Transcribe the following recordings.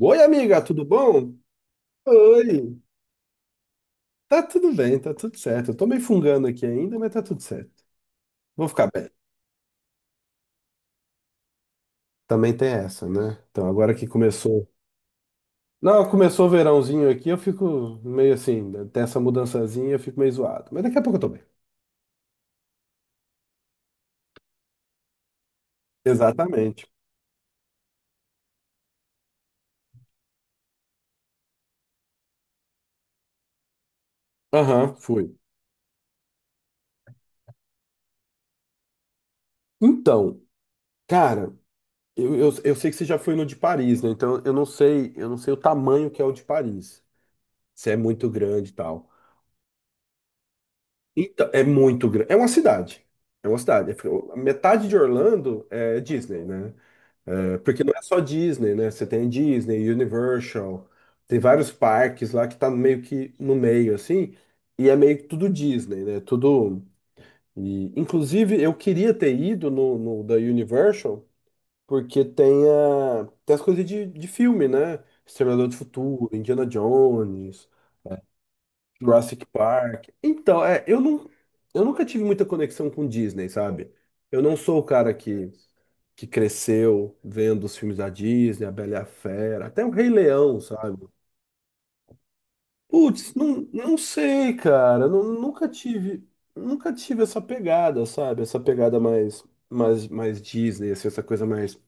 Oi, amiga, tudo bom? Oi. Tá tudo bem, tá tudo certo. Eu tô meio fungando aqui ainda, mas tá tudo certo. Vou ficar bem. Também tem essa, né? Então, agora que começou. Não, começou o verãozinho aqui, eu fico meio assim, né? Tem essa mudançazinha, eu fico meio zoado. Mas daqui a pouco eu tô bem. Exatamente. Aham, fui. Então, cara, eu sei que você já foi no de Paris, né? Então eu não sei o tamanho que é o de Paris. Se é muito grande e tal. Então, é muito grande. É uma cidade. É uma cidade. Metade de Orlando é Disney, né? É, porque não é só Disney, né? Você tem Disney, Universal, tem vários parques lá que tá meio que no meio, assim, e é meio que tudo Disney, né? Tudo. E, inclusive, eu queria ter ido no da Universal, porque tem, a, tem as coisas de filme, né? Exterminador do Futuro, Indiana Jones. Jurassic Park. Então, é, eu não, eu nunca tive muita conexão com Disney, sabe? Eu não sou o cara que, cresceu vendo os filmes da Disney, A Bela e a Fera, até o Rei Leão, sabe? Putz, não, não sei, cara. Nunca tive essa pegada, sabe? Essa pegada mais, mais Disney, assim, essa coisa mais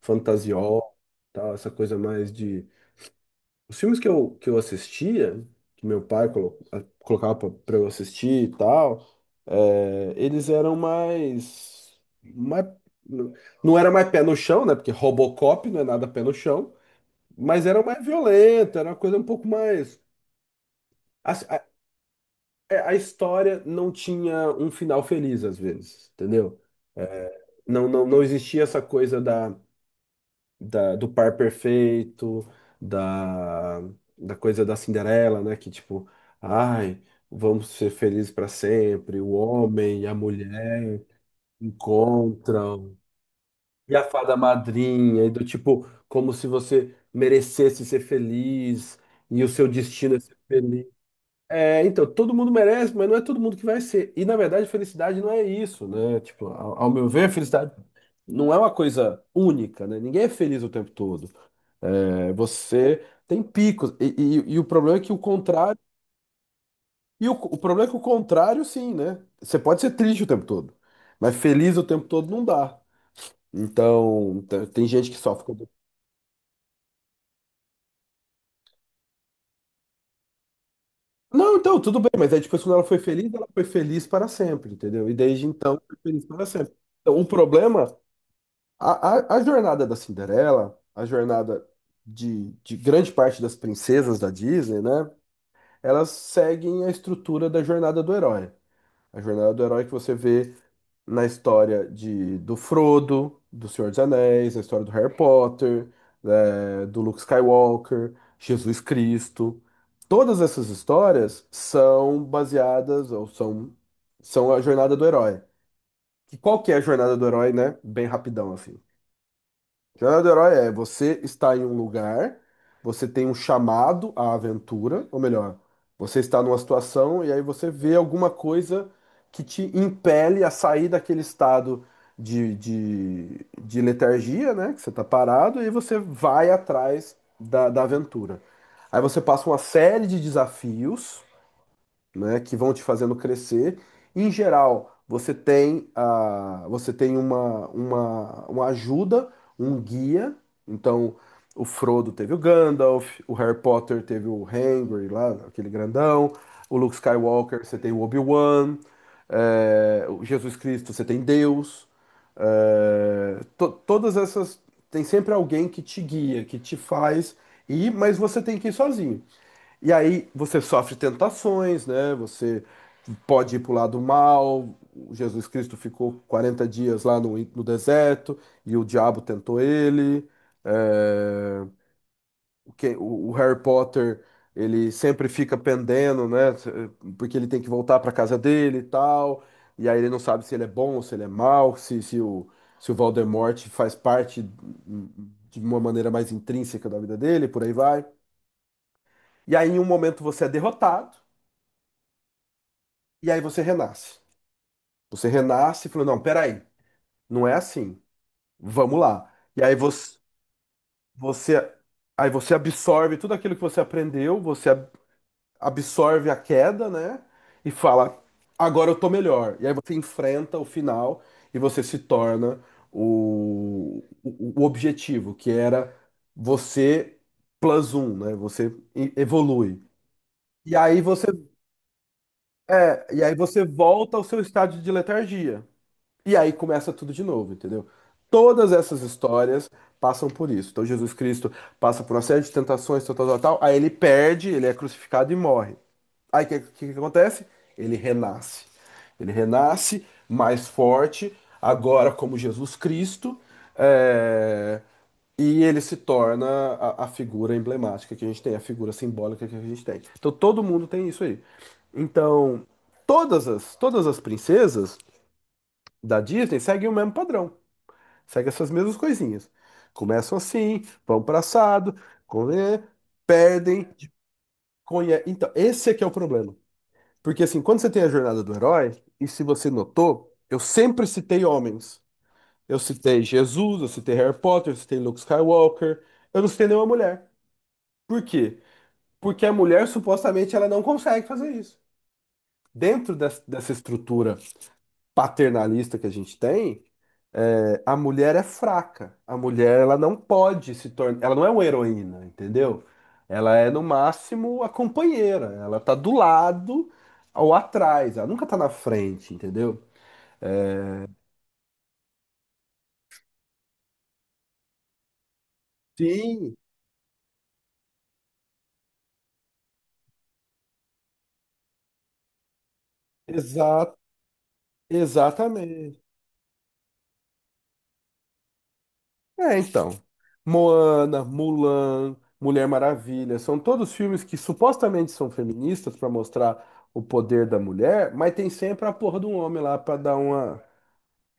fantasiosa, tal, essa coisa mais de. Os filmes que eu assistia, que meu pai colocava pra eu assistir e tal, é, eles eram mais, mais. Não era mais pé no chão, né? Porque Robocop não é nada pé no chão, mas era mais violento, era uma coisa um pouco mais. A, a, é, a história não tinha um final feliz, às vezes, entendeu? É, não existia essa coisa da. Do par perfeito, da, da coisa da Cinderela, né? Que tipo, ai, vamos ser felizes para sempre. O homem e a mulher encontram. E a fada madrinha, e do tipo, como se você merecesse ser feliz, e o seu destino é ser feliz. É, então, todo mundo merece, mas não é todo mundo que vai ser. E na verdade, felicidade não é isso, né? Tipo, ao meu ver, felicidade não é uma coisa única, né? Ninguém é feliz o tempo todo. É, você tem picos. E, e o problema é que o contrário. E o problema é que o contrário, sim, né? Você pode ser triste o tempo todo, mas feliz o tempo todo não dá. Então, tem gente que só fica. Não, então, tudo bem, mas aí depois quando ela foi feliz para sempre, entendeu? E desde então, foi feliz para sempre. Então, o problema. A, a jornada da Cinderela, a jornada de grande parte das princesas da Disney, né? Elas seguem a estrutura da jornada do herói. A jornada do herói que você vê na história do Frodo, do Senhor dos Anéis, na história do Harry Potter, do Luke Skywalker, Jesus Cristo. Todas essas histórias são baseadas ou são, são a jornada do herói. E qual que é a jornada do herói, né? Bem rapidão, assim. Jornada do Herói é você está em um lugar, você tem um chamado à aventura, ou melhor, você está numa situação e aí você vê alguma coisa que te impele a sair daquele estado de letargia, né? Que você está parado e você vai atrás da, da aventura. Aí você passa uma série de desafios, né, que vão te fazendo crescer. Em geral, você tem, a, você tem uma ajuda, um guia. Então, o Frodo teve o Gandalf, o Harry Potter teve o Hagrid lá, aquele grandão. O Luke Skywalker, você tem o Obi-Wan. É, o Jesus Cristo, você tem Deus. É, todas essas... Tem sempre alguém que te guia, que te faz ir, mas você tem que ir sozinho. E aí você sofre tentações, né? Você pode ir para o lado mal. Jesus Cristo ficou 40 dias lá no deserto e o diabo tentou ele. É, o Harry Potter, ele sempre fica pendendo, né? Porque ele tem que voltar para casa dele e tal. E aí ele não sabe se ele é bom ou se ele é mau, se o, se o Voldemort faz parte de uma maneira mais intrínseca da vida dele, por aí vai. E aí, em um momento, você é derrotado. E aí você renasce. Você renasce e falou, não, peraí, não é assim. Vamos lá. E aí você, aí você absorve tudo aquilo que você aprendeu, você absorve a queda, né? E fala, agora eu tô melhor. E aí você enfrenta o final e você se torna o objetivo, que era você plus um, né? Você evolui. E aí você, é, e aí você volta ao seu estado de letargia. E aí começa tudo de novo, entendeu? Todas essas histórias passam por isso. Então Jesus Cristo passa por uma série de tentações, tal, tal, tal, tal. Aí ele perde, ele é crucificado e morre. Aí o que, que acontece? Ele renasce. Ele renasce mais forte, agora como Jesus Cristo, é, e ele se torna a figura emblemática que a gente tem, a figura simbólica que a gente tem. Então todo mundo tem isso aí. Então, todas as princesas da Disney seguem o mesmo padrão, seguem essas mesmas coisinhas. Começam assim, vão para assado, come- perdem, conhe... Então, esse é que é o problema. Porque assim, quando você tem a jornada do herói, e se você notou, eu sempre citei homens. Eu citei Jesus, eu citei Harry Potter, eu citei Luke Skywalker, eu não citei nenhuma mulher. Por quê? Porque a mulher supostamente ela não consegue fazer isso. Dentro dessa estrutura paternalista que a gente tem, é, a mulher é fraca. A mulher, ela não pode se tornar. Ela não é uma heroína, entendeu? Ela é, no máximo, a companheira. Ela tá do lado ou atrás. Ela nunca tá na frente, entendeu? Sim, exa exatamente. É, então. Moana, Mulan, Mulher Maravilha, são todos filmes que supostamente são feministas para mostrar o poder da mulher, mas tem sempre a porra de um homem lá para dar uma.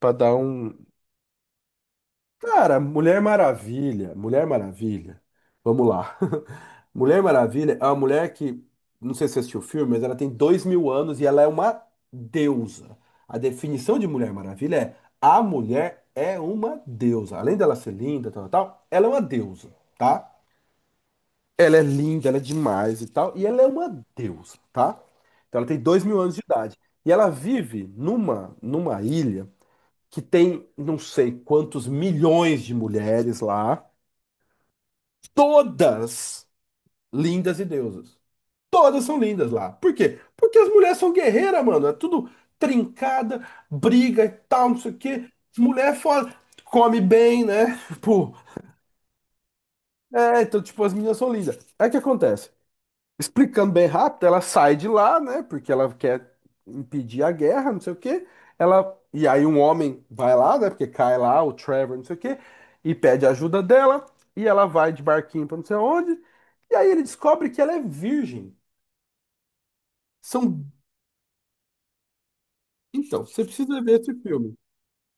Pra dar um. Cara, Mulher Maravilha. Mulher Maravilha. Vamos lá. Mulher Maravilha é uma mulher que. Não sei se você assistiu o filme, mas ela tem 2.000 anos e ela é uma deusa. A definição de Mulher Maravilha é a mulher é uma deusa. Além dela ser linda, tal, tal, tal, ela é uma deusa, tá? Ela é linda, ela é demais e tal. E ela é uma deusa, tá? Então ela tem 2.000 anos de idade. E ela vive numa ilha. Que tem não sei quantos milhões de mulheres lá, todas lindas e deusas. Todas são lindas lá. Por quê? Porque as mulheres são guerreiras, mano. É tudo trincada, briga e tal, não sei o quê. Mulher é foda, come bem, né? Tipo, é, então, tipo, as meninas são lindas. Aí o que acontece? Explicando bem rápido, ela sai de lá, né? Porque ela quer impedir a guerra, não sei o quê. Ela, e aí um homem vai lá, né? Porque cai lá o Trevor, não sei o quê, e pede ajuda dela, e ela vai de barquinho pra não sei onde. E aí ele descobre que ela é virgem. São, então, você precisa ver esse filme.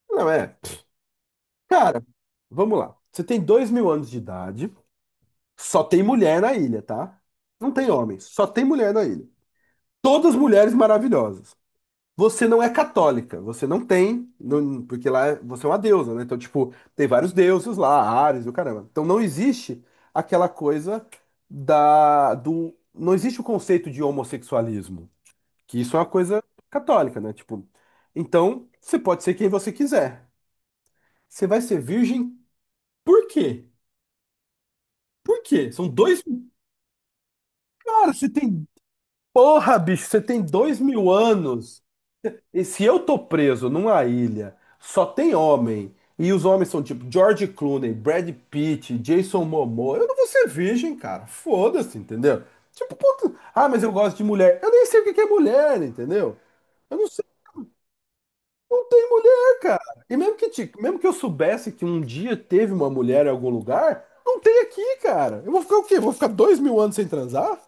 Não é? Cara, vamos lá. Você tem 2.000 anos de idade, só tem mulher na ilha, tá? Não tem homens. Só tem mulher na ilha. Todas mulheres maravilhosas. Você não é católica, você não tem, não- porque lá você é uma deusa, né? Então, tipo, tem vários deuses lá, Ares e o caramba. Então não existe aquela coisa não existe o conceito de homossexualismo, que isso é uma coisa católica, né? Tipo, então você pode ser quem você quiser. Você vai ser virgem por quê? Por quê? São dois, cara, você tem, porra, bicho, você tem 2.000 anos. E se eu tô preso numa ilha, só tem homem, e os homens são tipo George Clooney, Brad Pitt, Jason Momoa, eu não vou ser virgem, cara. Foda-se, entendeu? Tipo, puta, ah, mas eu gosto de mulher. Eu nem sei o que que é mulher, entendeu? Eu não sei, não tem mulher, cara. E mesmo que, mesmo que eu soubesse que um dia teve uma mulher em algum lugar, não tem aqui, cara. Eu vou ficar o quê? Vou ficar 2.000 anos sem transar?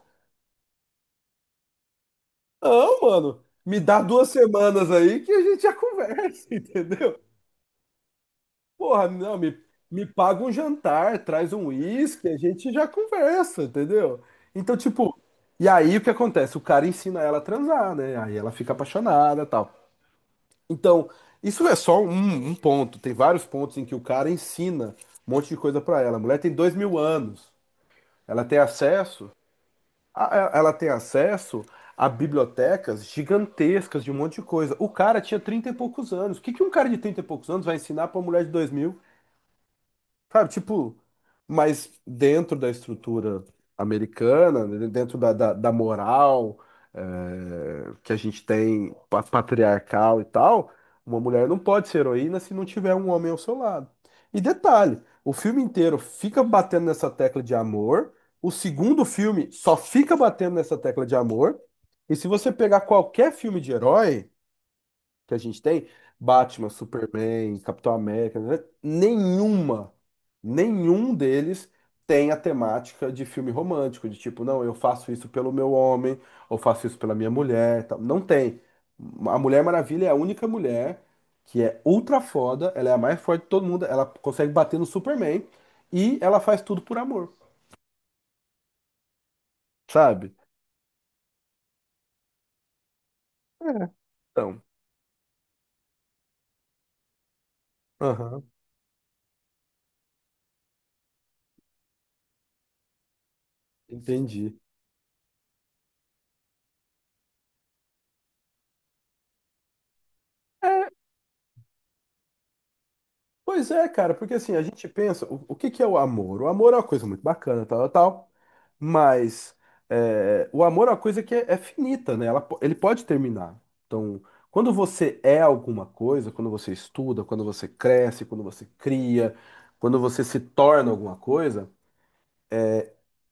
Não, mano. Me dá 2 semanas aí que a gente já conversa, entendeu? Porra, não, me paga um jantar, traz um uísque, a gente já conversa, entendeu? Então, tipo, e aí o que acontece? O cara ensina ela a transar, né? Aí ela fica apaixonada e tal. Então, isso é só um, um ponto. Tem vários pontos em que o cara ensina um monte de coisa pra ela. A mulher tem 2000 anos. Ela tem acesso. Ela tem acesso a bibliotecas gigantescas de um monte de coisa. O cara tinha 30 e poucos anos. O que que um cara de 30 e poucos anos vai ensinar pra uma mulher de 2000? Cara, tipo, mas dentro da estrutura americana, né, dentro da moral que a gente tem patriarcal e tal, uma mulher não pode ser heroína se não tiver um homem ao seu lado. E detalhe, o filme inteiro fica batendo nessa tecla de amor, o segundo filme só fica batendo nessa tecla de amor, e se você pegar qualquer filme de herói que a gente tem, Batman, Superman, Capitão América, né? Nenhum deles tem a temática de filme romântico, de tipo, não, eu faço isso pelo meu homem, ou faço isso pela minha mulher, tal. Não tem. A Mulher Maravilha é a única mulher que é ultra foda, ela é a mais forte de todo mundo, ela consegue bater no Superman e ela faz tudo por amor, sabe? É. Então, aham, entendi. Pois é, cara, porque assim, a gente pensa, o que que é o amor? O amor é uma coisa muito bacana, tal, tal, tal, mas é, o amor é uma coisa é finita, né? Ele pode terminar. Então, quando você é alguma coisa, quando você estuda, quando você cresce, quando você cria, quando você se torna alguma coisa,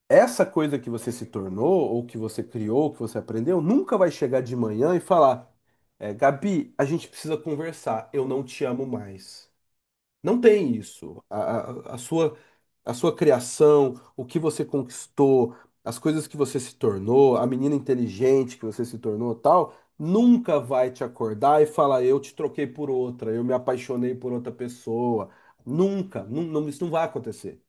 essa coisa que você se tornou, ou que você criou, ou que você aprendeu, nunca vai chegar de manhã e falar, é, Gabi, a gente precisa conversar, eu não te amo mais. Não tem isso. A sua, a sua criação, o que você conquistou, as coisas que você se tornou, a menina inteligente que você se tornou, tal, nunca vai te acordar e falar, eu te troquei por outra, eu me apaixonei por outra pessoa. Nunca, não, não, isso não vai acontecer.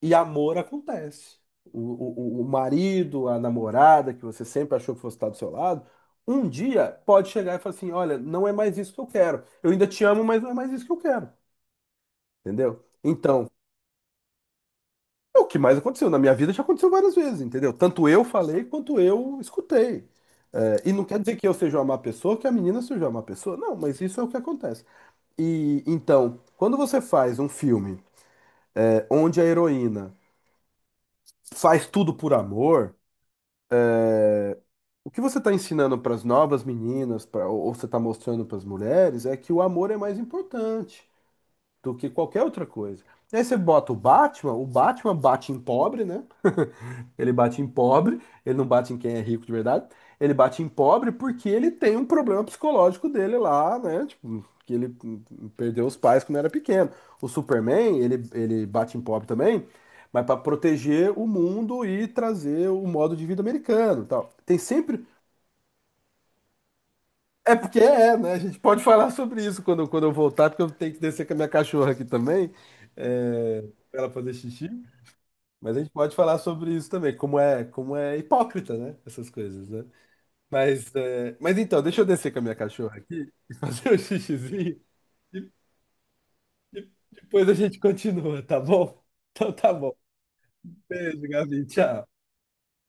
E amor acontece. O marido, a namorada que você sempre achou que fosse estar do seu lado, um dia pode chegar e falar assim: olha, não é mais isso que eu quero. Eu ainda te amo, mas não é mais isso que eu quero. Entendeu? Então, é o que mais aconteceu. Na minha vida já aconteceu várias vezes, entendeu? Tanto eu falei quanto eu escutei. É, e não quer dizer que eu seja uma má pessoa, que a menina seja uma má pessoa. Não, mas isso é o que acontece. E então, quando você faz um filme é, onde a heroína faz tudo por amor, o que você está ensinando para as novas meninas, pra, ou você está mostrando para as mulheres, é que o amor é mais importante do que qualquer outra coisa. E aí você bota o Batman bate em pobre, né? Ele bate em pobre, ele não bate em quem é rico de verdade. Ele bate em pobre porque ele tem um problema psicológico dele lá, né? Tipo, que ele perdeu os pais quando era pequeno. O Superman, ele bate em pobre também, mas para proteger o mundo e trazer o modo de vida americano, e tal. Tem sempre é porque é, né? A gente pode falar sobre isso quando, quando eu voltar, porque eu tenho que descer com a minha cachorra aqui também, é, para ela fazer xixi. Mas a gente pode falar sobre isso também, como é hipócrita, né? Essas coisas, né? Mas, é, mas então, deixa eu descer com a minha cachorra aqui e fazer um xixizinho e depois a gente continua, tá bom? Então tá bom. Beijo, Gabi. Tchau.